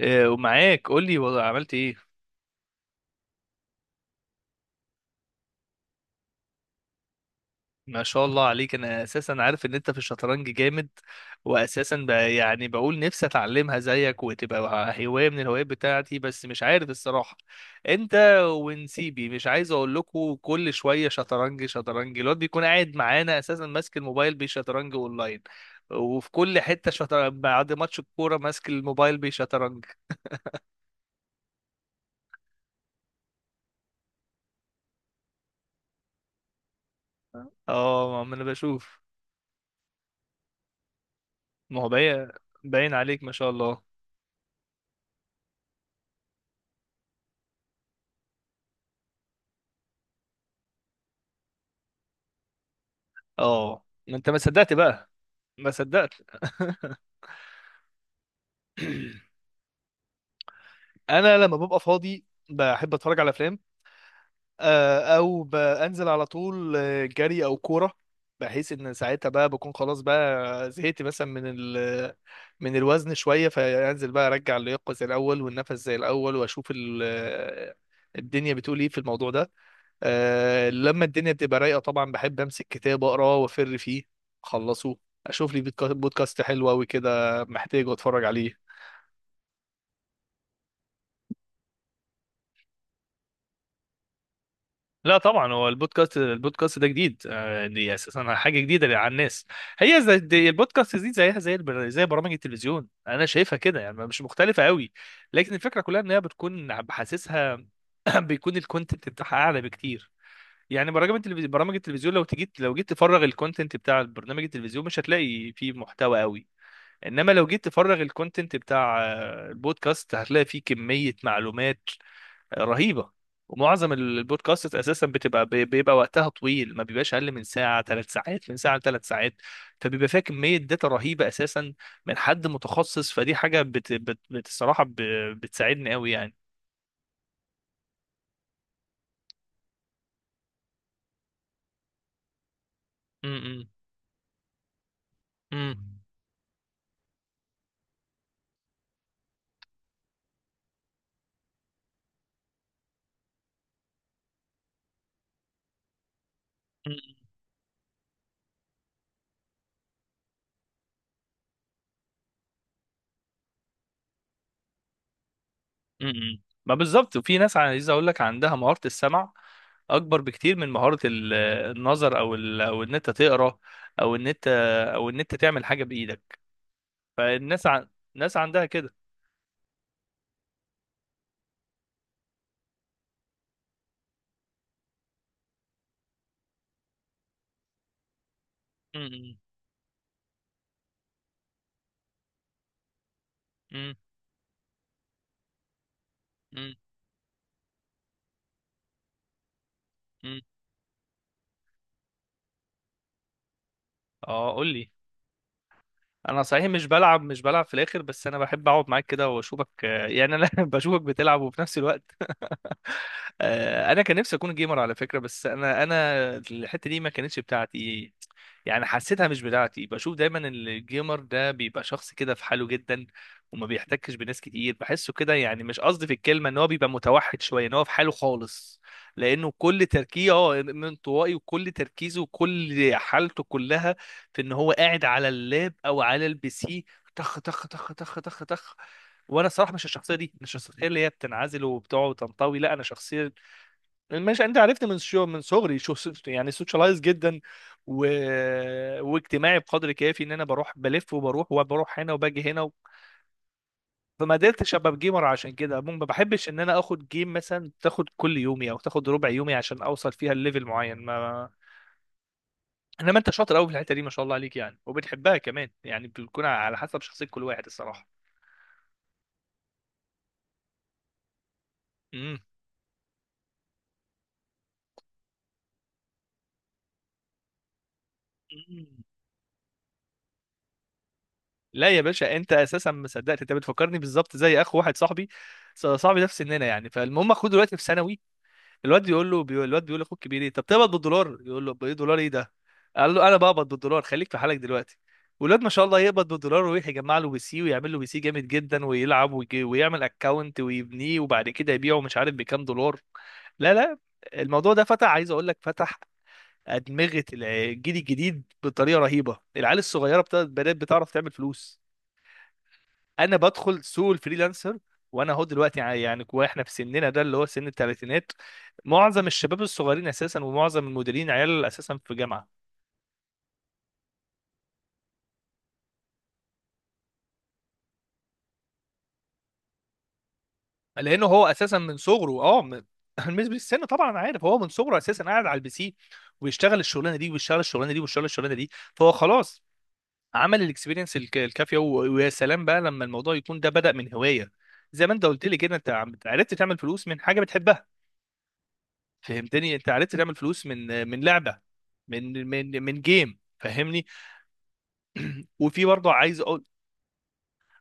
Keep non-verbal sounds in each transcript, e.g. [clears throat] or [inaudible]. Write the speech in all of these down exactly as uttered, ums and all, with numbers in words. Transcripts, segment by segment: آه، ومعاك. قول لي والله عملت ايه؟ ما شاء الله عليك. انا اساسا عارف ان انت في الشطرنج جامد، واساسا ب- يعني بقول نفسي اتعلمها زيك وتبقى هوايه من الهوايات بتاعتي، بس مش عارف الصراحه. انت ونسيبي مش عايز اقول لكم كل شويه شطرنج شطرنج، الواد بيكون قاعد معانا اساسا ماسك الموبايل بيشطرنج اونلاين، وفي كل حته شطرنج بعد ماتش الكوره ماسك الموبايل بيشطرنج. اه ما انا بشوف. ما هو باين، باين عليك ما شاء الله. اه ما انت ما صدقت بقى. ما صدقت. [laughs] انا لما ببقى فاضي بحب اتفرج على افلام، آه، او بنزل على طول، آه، جري او كوره، بحيث ان ساعتها بقى بكون خلاص بقى زهقت مثلا من ال من الوزن شويه، فانزل بقى ارجع اللياقه زي الاول والنفس زي الاول، واشوف ال- الدنيا بتقول ايه في الموضوع ده. آه لما الدنيا بتبقى رايقه طبعا بحب امسك كتاب اقراه وافر فيه اخلصه، اشوف لي بودكا- بودكاست حلو قوي كده محتاجه اتفرج عليه. لا طبعا، هو البودكاست، البودكاست ده جديد. آه، دي اساسا حاجه جديده على الناس. هي زي دي، البودكاست دي زيها زي البر- زي برامج التلفزيون انا شايفها كده يعني، مش مختلفه قوي. لكن الفكره كلها ان هي بتكون بحاسسها، [coughs] [clears throat] بيكون الكونتنت بتاعها اعلى بكتير. يعني برامج التلفزيون برامج التلفزيون لو تجيت لو جيت تفرغ الكونتنت بتاع البرنامج التلفزيون مش هتلاقي فيه محتوى قوي. انما لو جيت تفرغ الكونتنت بتاع آه، البودكاست هتلاقي فيه كمية معلومات آه، رهيبة. ومعظم ال- البودكاست اساسا بتبقى بي- بيبقى وقتها طويل، ما بيبقاش اقل من ساعة ثلاث ساعات، من ساعة ثلاث ساعات. فبيبقى فيها كمية داتا رهيبة اساسا، من حد متخصص. فدي حاجة بت بت بت- الصراحة ب- بتساعدني قوي يعني. م- م- م- م- م-م. ما بالظبط. وفي ناس عايز اقول لك عندها مهارة السمع اكبر بكتير من مهارة ال- النظر، او ال... او ان انت تقرا، او ان انت او ان انت تعمل حاجة بايدك. فالناس ع... ناس عندها كده. م-م. م-م. م-م. اه قول لي. انا صحيح مش بلعب، مش بلعب في الاخر، بس انا بحب اقعد معاك كده واشوفك، آه، يعني انا [laughs] بشوفك بتلعب وفي نفس الوقت. آه، انا كان نفسي اكون جيمر على فكره، بس انا انا الحته دي ما كانتش بتاعتي. يعني حسيتها مش بتاعتي، بشوف دايما إن الجيمر ده بيبقى شخص كده في حاله جدا، وما بيحتكش بناس كتير، بحسه كده يعني. مش قصدي في الكلمه ان هو بيبقى متوحد شويه، ان هو في حاله خالص، لانه كل تركيزه اه انطوائي، وكل تركيزه وكل حالته كلها في ان هو قاعد على اللاب او على البي سي. تخ تخ تخ تخ تخ تخ. وانا صراحه مش الشخصيه دي، مش الشخصيه اللي هي بتنعزل وبتقعد وتنطوي. لا، انا شخصيه، ماشي انت عرفت، من شو من صغري شو، يعني سوشيالايز جدا و... واجتماعي بقدر كافي، ان انا بروح بلف وبروح وبروح هنا وباجي هنا و... فما قدرتش ابقى جيمر، عشان كده ما بحبش ان انا اخد جيم مثلا تاخد كل يومي او تاخد ربع يومي عشان اوصل فيها الليفل معين ما انما انت شاطر قوي في الحته دي ما شاء الله عليك، يعني وبتحبها كمان يعني، بتكون على حسب شخصيه كل واحد الصراحه. امم. لا يا باشا، انت اساسا ما صدقت. انت بتفكرني بالظبط زي اخ واحد صاحبي. ص- صاحبي ده في سننا يعني. فالمهم، اخوه دلوقتي في ثانوي. الواد يقول له، بيقول الواد بيقول لاخوك الكبير ايه طب تقبض بالدولار، يقول له بايه، دولار ايه ده؟ قال له انا بقبض بالدولار، خليك في حالك دلوقتي. والواد ما شاء الله يقبض بالدولار، ويروح يجمع له بي سي، ويعمل له بي سي جامد جدا، ويلعب ويجي ويعمل اكونت ويبنيه، وبعد كده يبيعه مش عارف بكام دولار. لا لا. الموضوع ده فتح، عايز اقول لك فتح ادمغه الجيل الجديد بطريقه رهيبه. العيال الصغيره بتاعت بدات بتعرف تعمل فلوس. انا بدخل سوق الفريلانسر، وانا اهو دلوقتي، ع- يعني واحنا في سننا ده اللي هو سن الثلاثينات، معظم الشباب الصغيرين اساسا ومعظم المديرين عيال اساسا في جامعه. لانه هو اساسا من صغره اه من [laughs] مش بالسن طبعا. أنا عارف، هو من صغره اساسا قاعد على البي سي، ويشتغل الشغلانه دي ويشتغل الشغلانه دي ويشتغل الشغلانه دي، فهو خلاص عمل الاكسبيرينس الك- الكافيه، و- ويا سلام بقى لما الموضوع يكون ده بدأ من هوايه. زي ما انت قلت لي كده، انت عم- عرفت تعمل فلوس من حاجه بتحبها. فهمتني؟ انت عرفت تعمل فلوس من من لعبه، من من من جيم، فهمني. وفي برضه عايز اقول،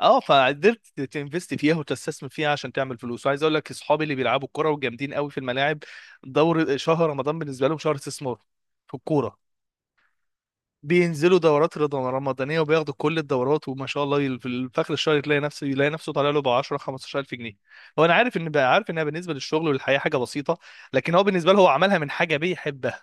اه فقدرت تنفست فيها وتستثمر فيها عشان تعمل فلوس. وعايز اقول لك اصحابي اللي بيلعبوا الكوره وجامدين قوي في الملاعب، دور شهر رمضان بالنسبه لهم شهر استثمار في الكوره. بينزلوا دورات رضا- رمضانيه وبياخدوا كل الدورات، وما شاء الله في اخر الشهر تلاقي نفسه يلاقي نفسه طالع له ب عشرة خمسة عشر ألف جنيه. هو انا عارف، ان عارف انها بالنسبه للشغل والحياه حاجه بسيطه، لكن هو بالنسبه له، هو عملها من حاجه بيحبها.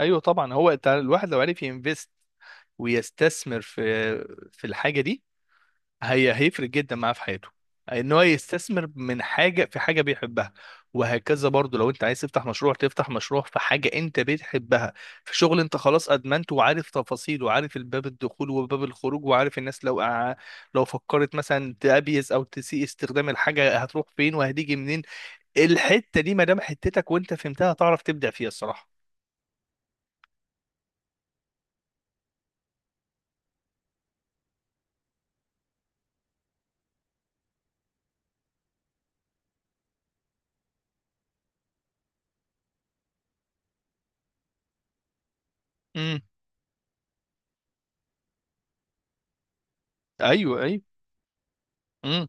ايوه طبعا، هو انت الواحد لو عرف ينفست ويستثمر في في الحاجه دي، هي هيفرق جدا معاه في حياته، ان هو يستثمر من حاجه في حاجه بيحبها. وهكذا برضو، لو انت عايز تفتح مشروع، تفتح مشروع في حاجه انت بتحبها، في شغل انت خلاص ادمنته، وعارف تفاصيله، وعارف الباب الدخول وباب الخروج، وعارف الناس لو قع- لو فكرت مثلا تأبيز او تسيء استخدام الحاجه هتروح فين وهتيجي منين. الحته دي ما دام حتتك وانت فهمتها هتعرف تبدع فيها الصراحه. امم. ايوه ايوه. إمم.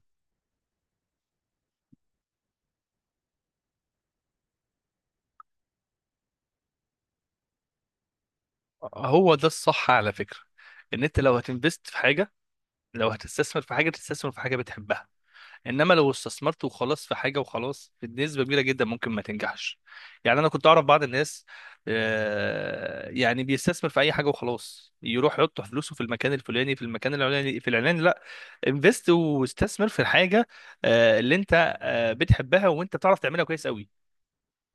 هو ده الصح على فكرة، ان انت لو هتنفست في حاجة، لو هتستثمر في حاجة، تستثمر في حاجة بتحبها. انما لو استثمرت وخلاص في حاجة وخلاص، بنسبة كبيرة جدا ممكن ما تنجحش. يعني انا كنت اعرف بعض الناس، آه، يعني بيستثمر في اي حاجة وخلاص، يروح يحط فلوسه في المكان الفلاني في المكان العلاني في العلاني. لا، انفست واستثمر في الحاجة آه، اللي انت آه، بتحبها وانت بتعرف تعملها كويس قوي.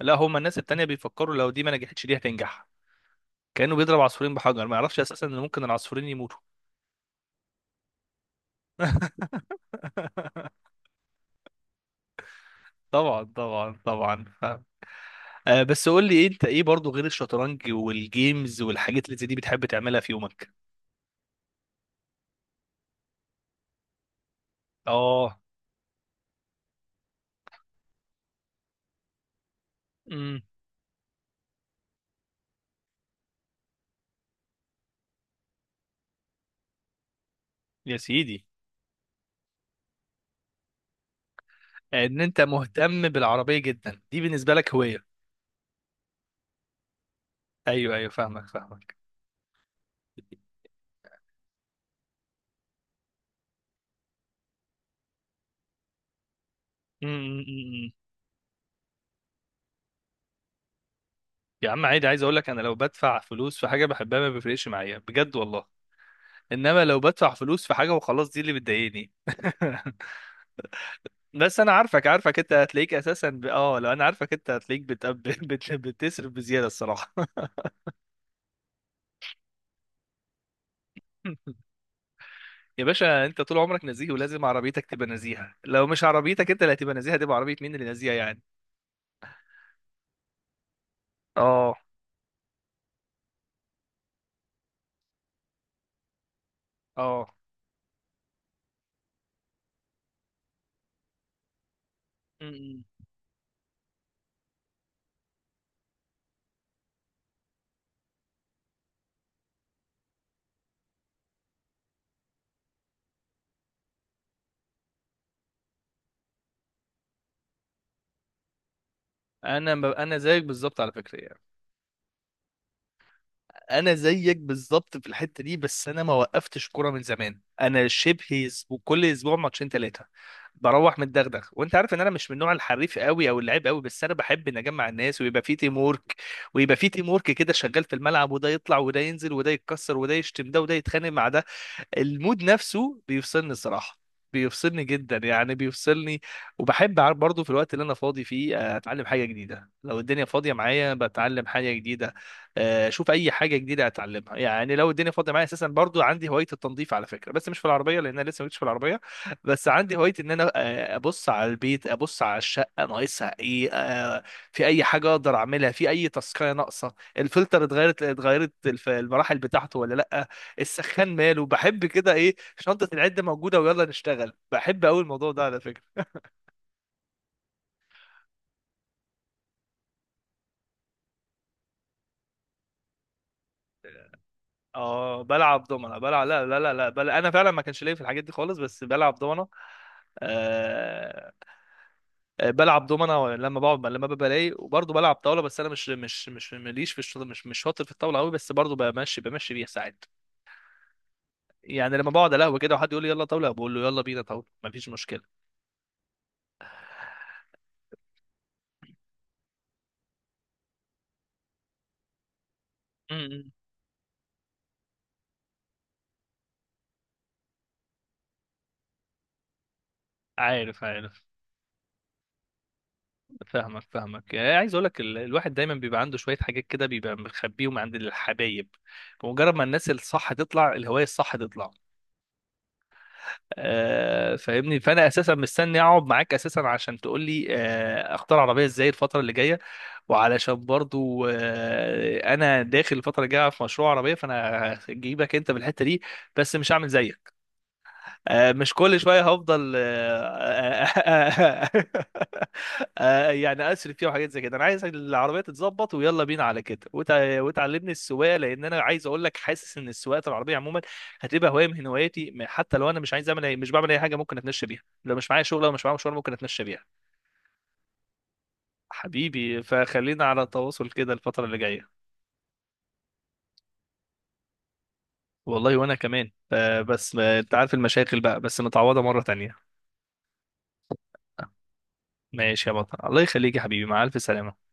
لا، هما الناس التانية بيفكروا لو دي ما نجحتش دي هتنجح، كأنه بيضرب عصفورين بحجر، ما يعرفش اساسا ان ممكن العصفورين يموتوا. [laughs] طبعا طبعا طبعا فاهم. آه بس قول لي إيه، انت ايه برضو غير الشطرنج والجيمز والحاجات اللي زي دي بتحب تعملها في يومك؟ اه. امم. يا سيدي. ان انت مهتم بالعربية جدا، دي بالنسبة لك هواية؟ ايوه ايوه فاهمك فاهمك. أمم، أمم، أمم. يا عم عادي، عايز اقول لك انا لو بدفع فلوس في حاجة بحبها ما بيفرقش معايا بجد والله، انما لو بدفع فلوس في حاجة وخلاص دي اللي بتضايقني. [laughs] بس انا عارفك عارفك، انت هتلاقيك اساسا ب... اه لو انا عارفك انت هتلاقيك بت... بت... [laughs] بت... بتصرف بزياده الصراحه. [laughs] يا باشا انت طول عمرك نزيه، ولازم عربيتك تبقى نزيهه، لو مش عربيتك انت اللي هتبقى نزيهه، هتبقى عربيه مين اللي نزيهه يعني؟ اه. اه. م- م. انا ب... انا زيك بالظبط على فكره يعني. انا زيك بالظبط في الحته دي، بس انا ما وقفتش كوره من زمان، انا شبه اسبوع، كل اسبوع ماتشين ثلاثه، بروح متدغدغ. وانت عارف ان انا مش من النوع الحريف قوي او اللعيب قوي، بس انا بحب ان اجمع الناس ويبقى في تيم وورك، ويبقى في تيم وورك كده شغال في الملعب، وده يطلع وده ينزل وده يتكسر وده يشتم ده وده يتخانق مع ده. المود نفسه بيفصلني الصراحة، بيفصلني جدا يعني، بيفصلني. وبحب عار- برضه في الوقت اللي انا فاضي فيه آه، اتعلم حاجة جديدة، لو الدنيا فاضية معايا بتعلم حاجة جديدة، آه، اشوف اي حاجة جديدة اتعلمها يعني، لو الدنيا فاضية معايا اساسا. برضه عندي هواية التنظيف على فكرة، بس مش في العربية لان انا لسه مش في العربية. بس عندي هواية ان انا آه، ابص على البيت، ابص على الشقة ناقصها ايه، آه، في اي حاجة اقدر اعملها، في اي تاسكاية ناقصة، الفلتر اتغيرت، اتغيرت الف- المراحل بتاعته ولا لا، السخان ماله، بحب كده ايه، شنطة العدة موجودة ويلا نشتغل. بحب قوي الموضوع ده على فكرة. اه بلعب دومنة، بلعب لا لا لا لا، بل... انا فعلا ما كانش ليا في الحاجات دي خالص بس بلعب دومنة. آه... آه، بلعب دومنة لما بقعد، لما ببقى رايق. وبرضه بلعب طاولة، بس انا مش مش مش ماليش في الشطر، مش مش شاطر في الطاولة قوي، بس برضه بمشي بمشي بيها ساعات، يعني لما بقعد على قهوة كده وحد يقول لي يلا طاولة، بقول له يلا بينا طاولة مفيش مشكلة. م- م. عارف عارف فاهمك فاهمك. يعني عايز اقول لك، الواحد دايما بيبقى عنده شويه حاجات كده بيبقى مخبيهم عند الحبايب، بمجرد ما الناس الصح تطلع، الهوايه الصح تطلع. آه فاهمني، فانا اساسا مستني اقعد معاك اساسا عشان تقول لي، آه اختار عربيه ازاي الفتره اللي جايه، وعلشان برضو آه انا داخل الفتره الجايه في مشروع عربيه، فانا هجيبك انت بالحته دي، بس مش هعمل زيك، آه، مش كل شويه هفضل آه، آه، [laughs] آه، آه، يعني اسري فيها وحاجات زي كده. انا عايز العربيه تتظبط ويلا بينا على كده، وت- وتعلمني السواقه، لان انا عايز اقول لك حاسس ان السواقه العربيه عموما هتبقى هوايه من هواياتي. م- حتى لو انا مش عايز اعمل أي- مش بعمل اي حاجه، ممكن اتمشى بيها لو مش معايا شغل او مش معايا مشوار، ممكن اتمشى بيها. حبيبي فخلينا على تواصل كده الفتره اللي جايه. والله، وانا كمان، آه، بس آه، انت عارف المشاكل بقى، بس متعوضه مره تانية. ماشي يا بطل، الله يخليك يا حبيبي مع الف سلامه.